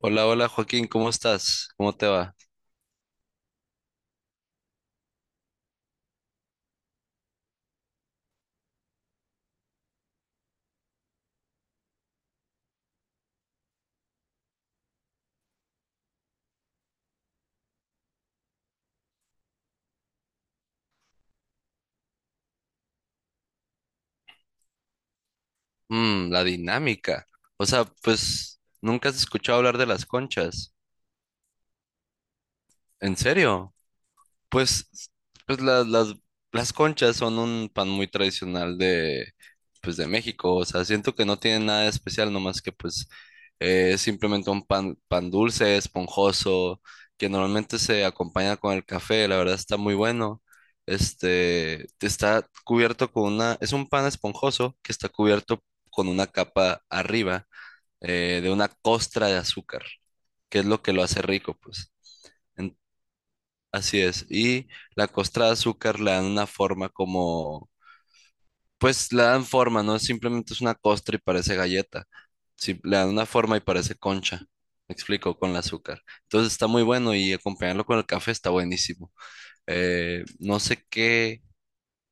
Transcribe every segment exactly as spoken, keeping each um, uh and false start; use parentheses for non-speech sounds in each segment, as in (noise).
Hola, hola Joaquín, ¿cómo estás? ¿Cómo te va? Mm, la dinámica. O sea, pues nunca has escuchado hablar de las conchas. ¿En serio? Pues, pues las, las, las conchas son un pan muy tradicional de, pues de México. O sea, siento que no tiene nada de especial, nomás que pues eh, es simplemente un pan, pan dulce, esponjoso, que normalmente se acompaña con el café. La verdad está muy bueno. Este, está cubierto con una, es un pan esponjoso que está cubierto con una capa arriba eh, de una costra de azúcar, que es lo que lo hace rico, pues. Así es. Y la costra de azúcar le dan una forma como, pues le dan forma, no simplemente es una costra y parece galleta. Sí, le dan una forma y parece concha. Me explico, con el azúcar. Entonces está muy bueno y acompañarlo con el café está buenísimo. Eh, no sé qué.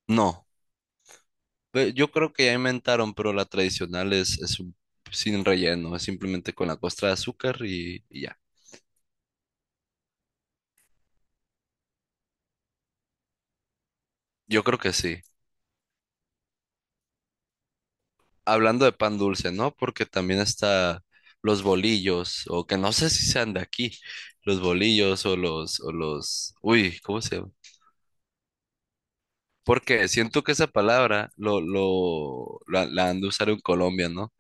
No. Eh, Yo creo que ya inventaron, pero la tradicional es, es un- sin relleno, es simplemente con la costra de azúcar y, y ya. Yo creo que sí. hablando de pan dulce, ¿no? Porque también está los bolillos, o que no sé si sean de aquí, los bolillos o los, o los, uy, ¿cómo se llama? Porque siento que esa palabra lo, lo, la, la han de usar en Colombia, ¿no?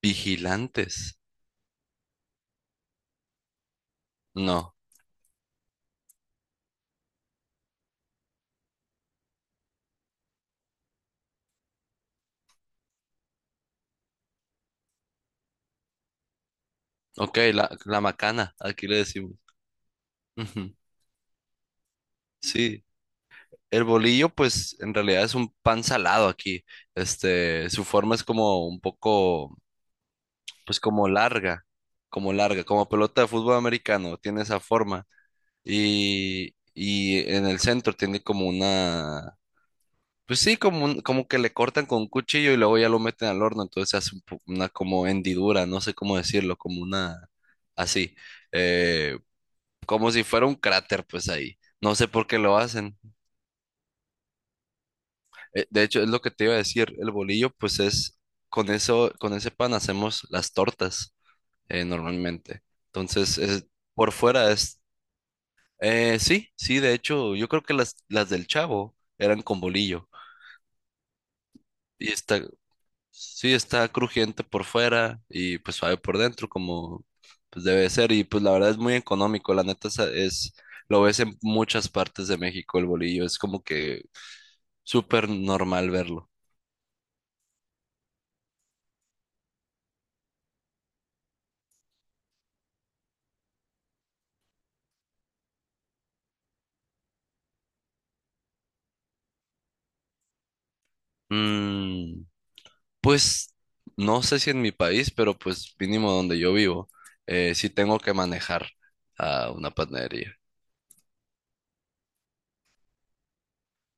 Vigilantes. No. Ok, la, la macana, aquí le decimos. Ujú. Sí. El bolillo, pues, en realidad es un pan salado aquí. Este, su forma es como un poco pues como larga, como larga, como pelota de fútbol americano, tiene esa forma. Y, y en el centro tiene como una, pues sí, como, un- como que le cortan con un cuchillo y luego ya lo meten al horno, entonces se hace un po- una como hendidura, no sé cómo decirlo, como una, así, eh, como si fuera un cráter, pues ahí. No sé por qué lo hacen. Eh, De hecho, es lo que te iba a decir, el bolillo, pues es, con eso, con ese pan hacemos las tortas. eh, normalmente. Entonces, es- por fuera es... eh, Sí, sí, de hecho, yo creo que las, las del Chavo eran con bolillo. Y está, sí, está crujiente por fuera y pues suave por dentro, como pues debe ser. Y pues la verdad es muy económico, la neta es, es- lo ves en muchas partes de México el bolillo, es como que súper normal verlo. Mm. Pues no sé si en mi país, pero pues mínimo donde yo vivo, eh, sí tengo que manejar a una panadería.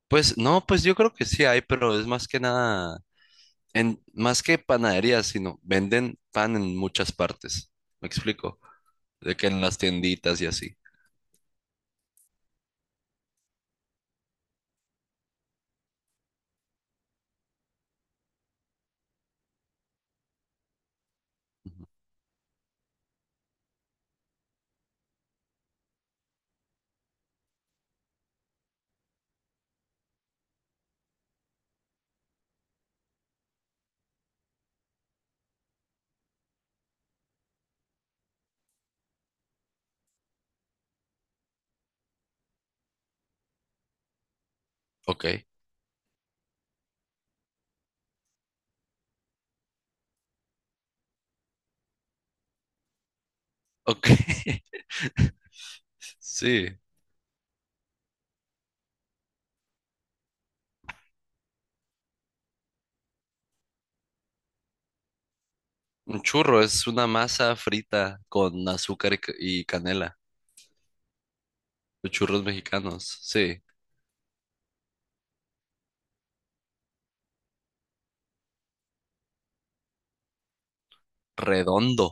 Pues no, pues yo creo que sí hay, pero es más que nada, en, más que panaderías, sino venden pan en muchas partes. ¿Me explico? De que en las tienditas y así. Ok, ok. (laughs) Sí, un churro es una masa frita con azúcar y, ca- y canela. Los churros mexicanos, sí. Redondo.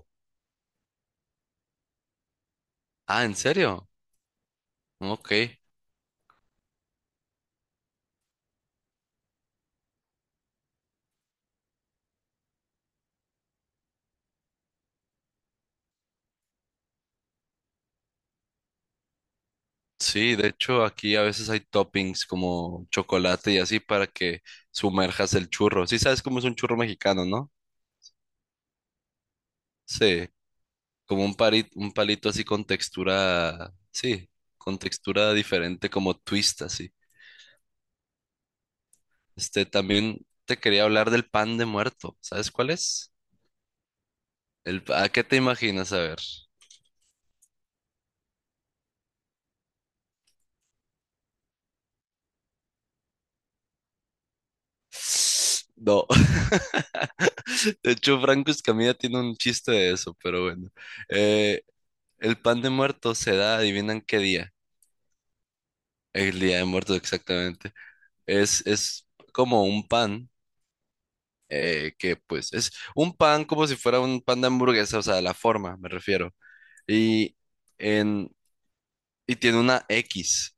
Ah, ¿en serio? Ok. Sí, de hecho aquí a veces hay toppings como chocolate y así para que sumerjas el churro. Sí, sabes cómo es un churro mexicano, ¿no? Sí, como un pari- un palito así con textura, sí, con textura diferente como twist así. Este, también te quería hablar del pan de muerto. ¿Sabes cuál es? El, pa- ¿a qué te imaginas? A ver. (sniffs) No. (laughs) De hecho, Franco Escamilla tiene un chiste de eso, pero bueno. Eh, el pan de muerto se da, ¿adivinan qué día? El Día de Muertos, exactamente. Es, es como un pan, eh, que pues es un pan como si fuera un pan de hamburguesa, o sea, la forma, me refiero. Y, en, y tiene una equis,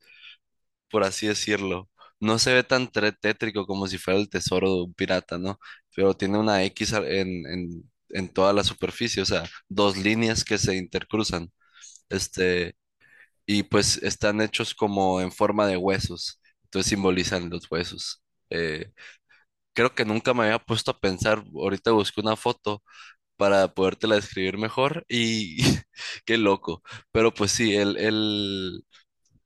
por así decirlo. No se ve tan tre- tétrico como si fuera el tesoro de un pirata, ¿no? Pero tiene una equis a- en, en, en toda la superficie, o sea, dos líneas que se intercruzan. Este, y pues están hechos como en forma de huesos, entonces simbolizan los huesos. eh, Creo que nunca me había puesto a pensar. Ahorita busqué una foto para podértela describir mejor y (laughs) qué loco. Pero pues sí, el, el,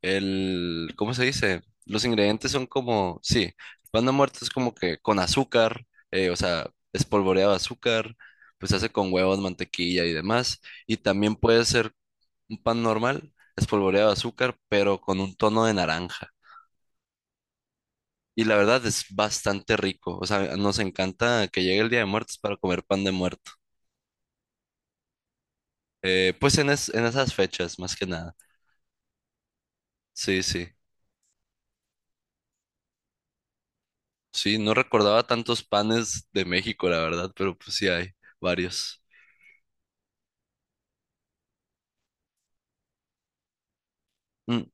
el, ¿cómo se dice? Los ingredientes son como, sí, pan muerto es como que con azúcar, eh, o sea, espolvoreado azúcar, pues se hace con huevos, mantequilla y demás. Y también puede ser un pan normal, espolvoreado azúcar, pero con un tono de naranja. Y la verdad es bastante rico. O sea, nos encanta que llegue el Día de Muertos para comer pan de muerto. Eh, pues en, es- en esas fechas, más que nada. Sí, sí. Sí, no recordaba tantos panes de México, la verdad, pero pues sí hay varios. Mm,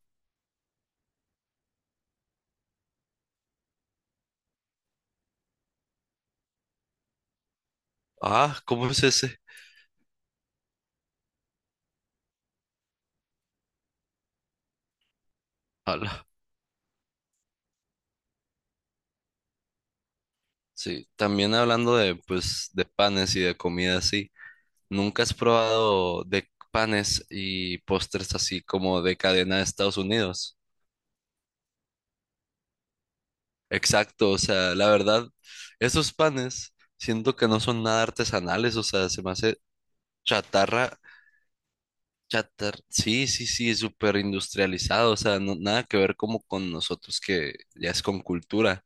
ah, ¿cómo es ese? Ala. Sí, también hablando de, pues, de panes y de comida así. ¿Nunca has probado de panes y postres así como de cadena de Estados Unidos? Exacto, o sea, la verdad, esos panes siento que no son nada artesanales, o sea, se me hace chatarra, chatarra, sí, sí, sí, súper industrializado, o sea, no- nada que ver como con nosotros que ya es con cultura,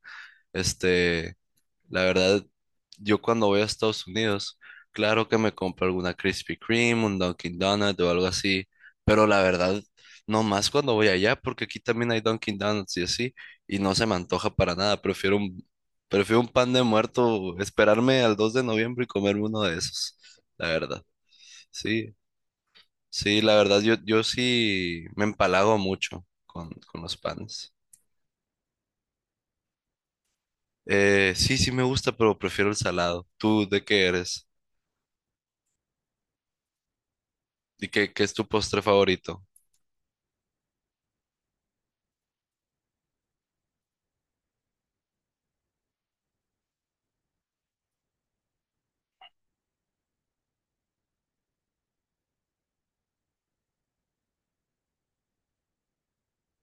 este, la verdad, yo cuando voy a Estados Unidos, claro que me compro alguna Krispy Kreme, un Dunkin' Donut o algo así, pero la verdad, no más cuando voy allá, porque aquí también hay Dunkin' Donuts y así, y no se me antoja para nada, prefiero un, prefiero un pan de muerto, esperarme al dos de noviembre y comerme uno de esos, la verdad. Sí, sí, la verdad, yo, yo sí me empalago mucho con, con los panes. Eh, sí, sí me gusta, pero prefiero el salado. ¿Tú de qué eres? ¿Y qué, qué es tu postre favorito?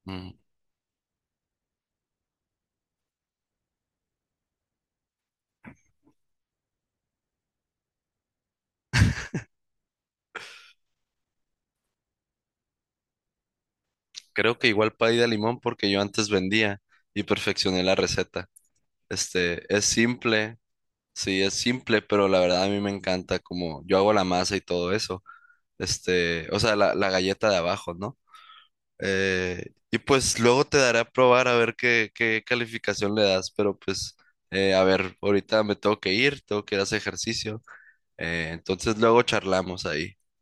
Mm, creo que igual pay de limón porque yo antes vendía y perfeccioné la receta. Este, es simple, sí, es simple, pero la verdad a mí me encanta como yo hago la masa y todo eso. Este, o sea, la, la galleta de abajo, ¿no? Eh, y pues luego te daré a probar a ver qué, qué calificación le das, pero pues, eh, a ver, ahorita me tengo que ir, tengo que ir a hacer ejercicio. Eh, entonces luego charlamos ahí.